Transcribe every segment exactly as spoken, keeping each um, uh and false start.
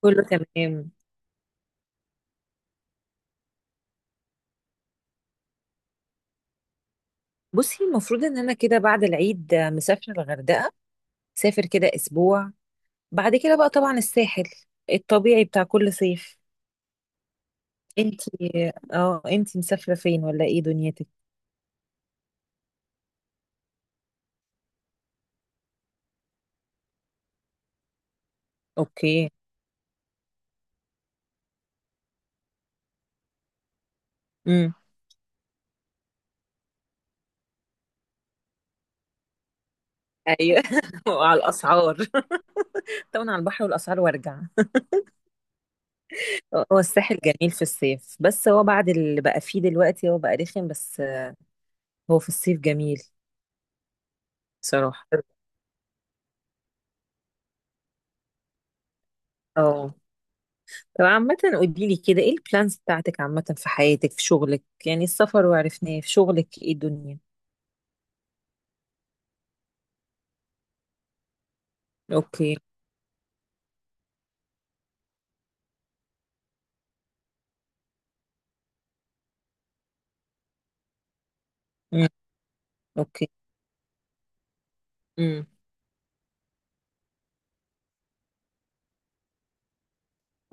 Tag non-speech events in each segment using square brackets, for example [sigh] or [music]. كله تمام. بصي، المفروض ان انا كده بعد العيد مسافره الغردقه. سافر كده اسبوع. بعد كده بقى طبعا الساحل الطبيعي بتاع كل صيف. انتي اه انتي مسافره فين ولا ايه دنيتك؟ اوكي. امم. ايوه. [laughs] وعلى الاسعار. [laughs] طبعا على البحر والاسعار وارجع. [laughs] هو الساحل جميل في الصيف، بس هو بعد اللي بقى فيه دلوقتي هو بقى رخم بس. هو في الصيف جميل. بصراحه، اه. طب عامة، قوليلي كده، ايه البلانز بتاعتك عامة في حياتك في شغلك يعني؟ السفر وعرفناه في شغلك، ايه الدنيا؟ اوكي. امم. اوكي. امم.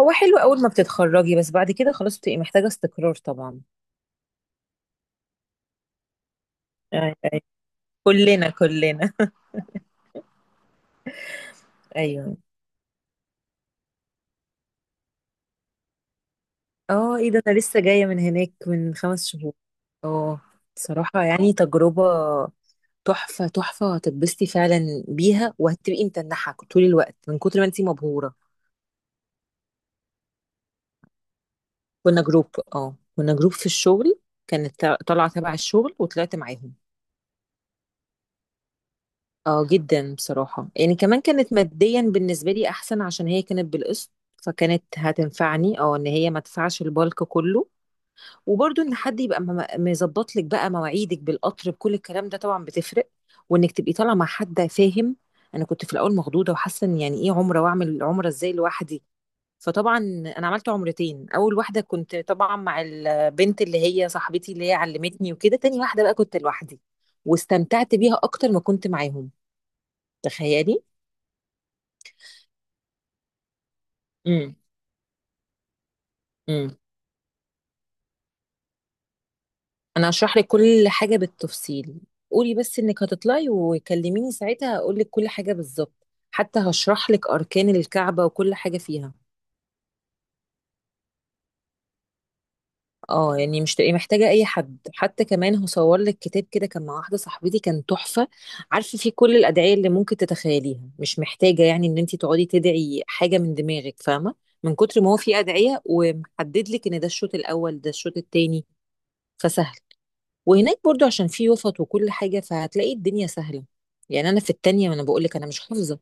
هو حلو اول ما بتتخرجي، بس بعد كده خلاص بتبقي محتاجة استقرار طبعا. أيوة. كلنا كلنا. [laughs] ايوه. اه، ايه ده، انا لسه جاية من هناك من خمس شهور. اه. بصراحة يعني، تجربة تحفة تحفة، هتتبسطي فعلا بيها وهتبقي متنحة طول الوقت من كتر ما انتي مبهورة. كنا جروب اه كنا جروب في الشغل. كانت تا- طالعة تبع الشغل وطلعت معاهم. اه جدا، بصراحة يعني، كمان كانت ماديا بالنسبة لي احسن عشان هي كانت بالقسط. فكانت هتنفعني، اه ان هي ما تدفعش البالك كله. وبرضه ان حد يبقى م- مظبط لك بقى مواعيدك بالقطر، بكل الكلام ده طبعا بتفرق. وانك تبقي طالعة مع حد فاهم. انا كنت في الاول مخضوضة وحاسة ان يعني ايه عمرة، واعمل عمرة ازاي لوحدي؟ فطبعا انا عملت عمرتين، اول واحده كنت طبعا مع البنت اللي هي صاحبتي اللي هي علمتني وكده، تاني واحده بقى كنت لوحدي واستمتعت بيها اكتر ما كنت معاهم. تخيلي. امم. امم. انا هشرح لك كل حاجه بالتفصيل. قولي بس انك هتطلعي وكلميني ساعتها، هقول لك كل حاجه بالظبط، حتى هشرح لك اركان الكعبه وكل حاجه فيها. اه يعني مش تبقي محتاجة أي حد، حتى كمان هو صور لك كتاب كده، كان مع واحدة صاحبتي، كان تحفة. عارفة، فيه كل الأدعية اللي ممكن تتخيليها، مش محتاجة يعني إن أنت تقعدي تدعي حاجة من دماغك، فاهمة؟ من كتر ما هو فيه أدعية ومحدد لك إن ده الشوط الأول، ده الشوط التاني. فسهل. وهناك برضو، عشان فيه وسط وكل حاجة، فهتلاقي الدنيا سهلة. يعني أنا في التانية وأنا بقول لك أنا مش حافظة،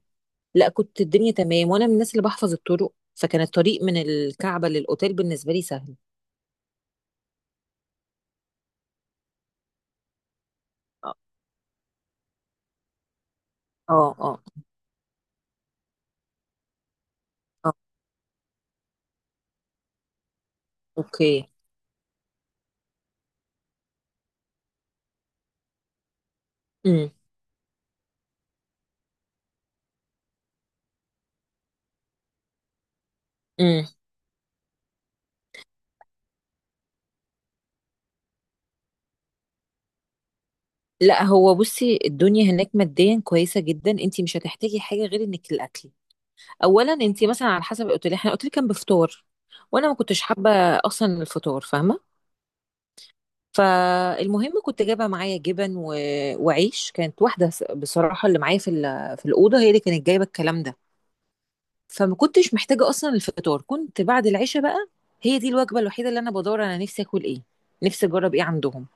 لا، كنت الدنيا تمام، وأنا من الناس اللي بحفظ الطرق، فكان الطريق من الكعبة للأوتيل بالنسبة لي سهل. اه. اه. آه. آه. اوكي. امم. امم. لا هو، بصي، الدنيا هناك ماديا كويسه جدا، انت مش هتحتاجي حاجه غير انك الاكل. اولا انت مثلا على حسب الاوتيل، احنا الاوتيل كان بفطار، وانا ما كنتش حابه اصلا الفطار، فاهمه؟ فالمهم، كنت جايبه معايا جبن، و... وعيش، كانت واحده س- بصراحه، اللي معايا في ال... في الاوضه هي اللي كانت جايبه الكلام ده. فما كنتش محتاجه اصلا الفطار، كنت بعد العشاء بقى هي دي الوجبه الوحيده اللي انا بدور انا نفسي اكل ايه، نفسي اجرب ايه عندهم.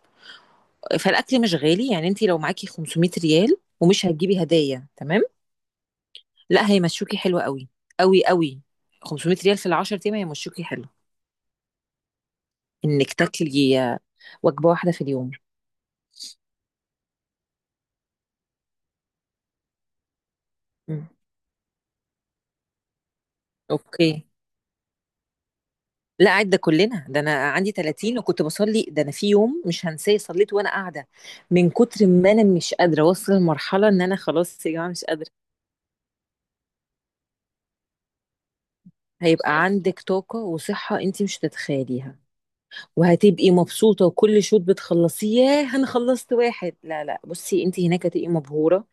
فالاكل مش غالي يعني، انت لو معاكي خمسمائة ريال ومش هتجيبي هدايا، تمام، لا، هيمشوكي حلو. قوي قوي قوي، خمسمائة ريال في العشر ايام هيمشوكي حلو، انك تاكلي وجبه واحده في اليوم. مم. اوكي. لا قاعد، ده كلنا، ده انا عندي تلاتين وكنت بصلي، ده انا في يوم مش هنساه صليت وانا قاعده من كتر ما انا مش قادره اوصل لمرحله ان انا خلاص يا جماعه مش قادره. هيبقى عندك طاقه وصحه انت مش هتتخيليها، وهتبقي مبسوطة، وكل شوط بتخلصيه ياه أنا خلصت واحد، لا لا، بصي، أنت هناك هتبقي مبهورة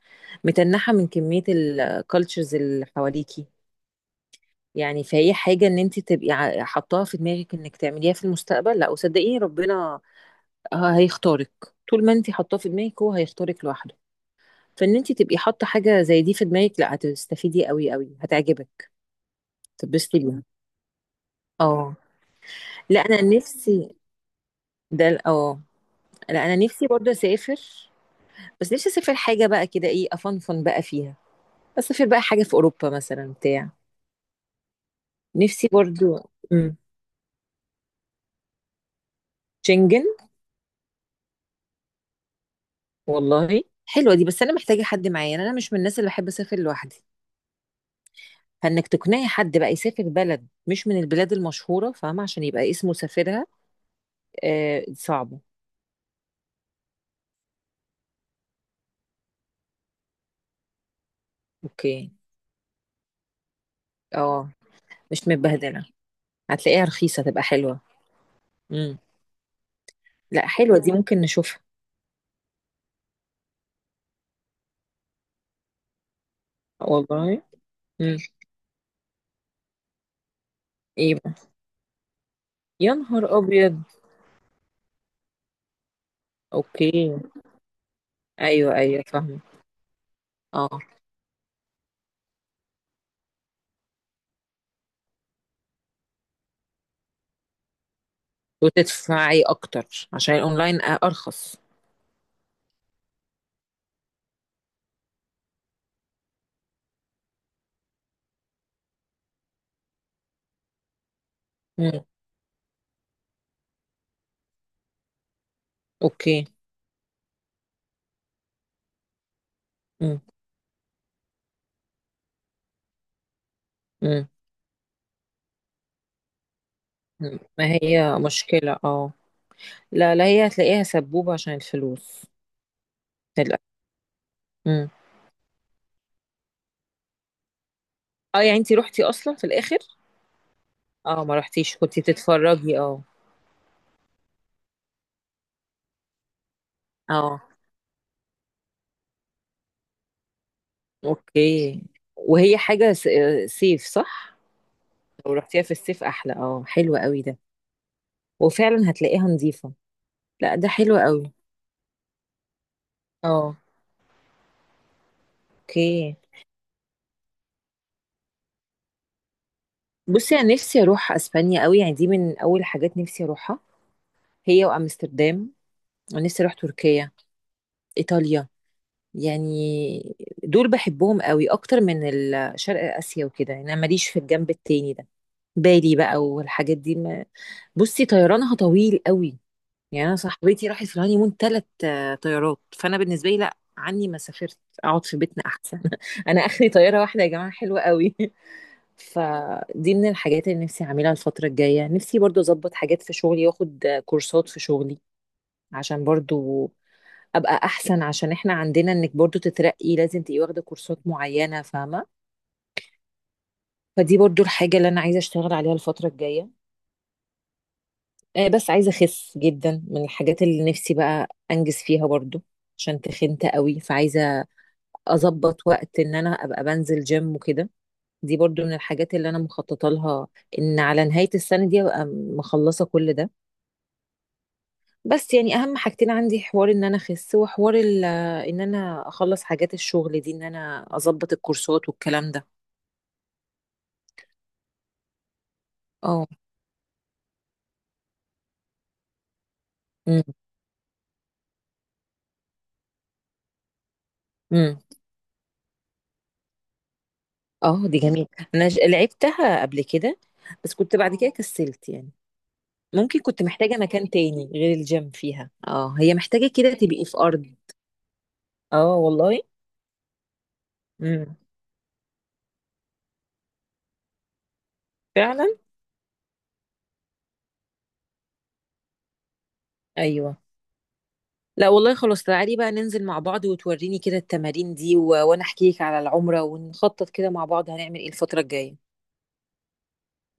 متنحة من كمية الكالتشرز اللي حواليكي. يعني فهي حاجة إن أنت تبقي ع- حطاها في دماغك إنك تعمليها في المستقبل، لا، وصدقيني ربنا ه- هيختارك، طول ما أنت حطاه في دماغك هو هيختارك لوحده. فإن أنت تبقي حاطة حاجة زي دي في دماغك، لا هتستفيدي قوي قوي، هتعجبك، تتبسطي بيها. اه، لا أنا نفسي. ده ال- اه لا أنا نفسي برضه أسافر. بس نفسي اسافر حاجه بقى كده، ايه، افنفن بقى فيها. اسافر بقى حاجه في اوروبا مثلا بتاع. نفسي برضو، امم شنجن. والله حلوه دي، بس انا محتاجه حد معايا، يعني انا مش من الناس اللي بحب اسافر لوحدي. فانك تقنعي حد بقى يسافر بلد مش من البلاد المشهوره، فاهمه؟ عشان يبقى اسمه سافرها. آه، صعبه. اوكي. اه، مش متبهدله، هتلاقيها رخيصه تبقى حلوه. امم. لا حلوه دي، ممكن نشوفها. والله. امم. ايه بقى؟ يا نهار ابيض. اوكي. ايوه ايوه، فاهمه. اه وتدفعي اكتر، عشان الاونلاين أ- ارخص. مم. اوكي. مم. مم. مم. ما هي مشكلة اه. لا لا، هي هتلاقيها سبوبة عشان الفلوس، للأسف. مم. اه يعني، انتي روحتي اصلا في الاخر؟ اه، ما رحتيش، كنتي بتتفرجي؟ اه. اه. اوكي. وهي حاجة س- آه، صيف صح؟ لو رحتيها في الصيف احلى، اه، حلوة قوي ده، وفعلا هتلاقيها نظيفة. لا ده حلو قوي. اه. اوكي. بصي انا نفسي اروح اسبانيا قوي، يعني دي من اول حاجات نفسي اروحها، هي وامستردام. ونفسي اروح تركيا، ايطاليا، يعني دول بحبهم قوي اكتر من ال- شرق اسيا وكده، يعني انا ماليش في الجنب التاني ده، بالي بقى والحاجات دي ما. بصي طيرانها طويل قوي، يعني انا صاحبتي راحت في الهانيمون ثلاث طيارات، فانا بالنسبه لي لا، عني ما سافرت، اقعد في بيتنا احسن. [laughs] انا اخري طياره واحده يا جماعه، حلوه قوي. [laughs] فدي من الحاجات اللي نفسي اعملها الفتره الجايه، نفسي برضو اظبط حاجات في شغلي، واخد آه، كورسات في شغلي عشان برضو ابقى احسن، عشان احنا عندنا انك برضو تترقي لازم تبقي واخده كورسات معينه، فاهمه؟ فدي برضو الحاجه اللي انا عايزه اشتغل عليها الفتره الجايه. آه، بس عايزه اخس جدا، من الحاجات اللي نفسي بقى انجز فيها برضو عشان تخنت قوي، فعايزه اظبط وقت ان انا ابقى بنزل جيم وكده. دي برضو من الحاجات اللي انا مخططه لها، ان على نهايه السنه دي ابقى مخلصه كل ده. بس يعني اهم حاجتين عندي، حوار ان انا اخس، وحوار ال- ان انا اخلص حاجات الشغل دي، ان انا اظبط الكورسات والكلام ده. اه. امم. امم. اه دي جميل، انا ج- لعبتها قبل كده، بس كنت بعد كده كسلت يعني. ممكن كنت محتاجة مكان تاني غير الجيم فيها، اه، هي محتاجة كده تبقي في ارض. اه والله. امم. فعلا. ايوه. لا والله خلاص، تعالي بقى ننزل مع بعض وتوريني كده التمارين دي، و... وانا احكي لك على العمرة ونخطط كده مع بعض هنعمل ايه الفترة الجاية.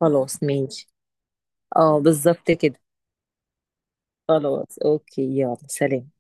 خلاص ماشي. اه بالظبط كده. خلاص اوكي، يلا، سلام.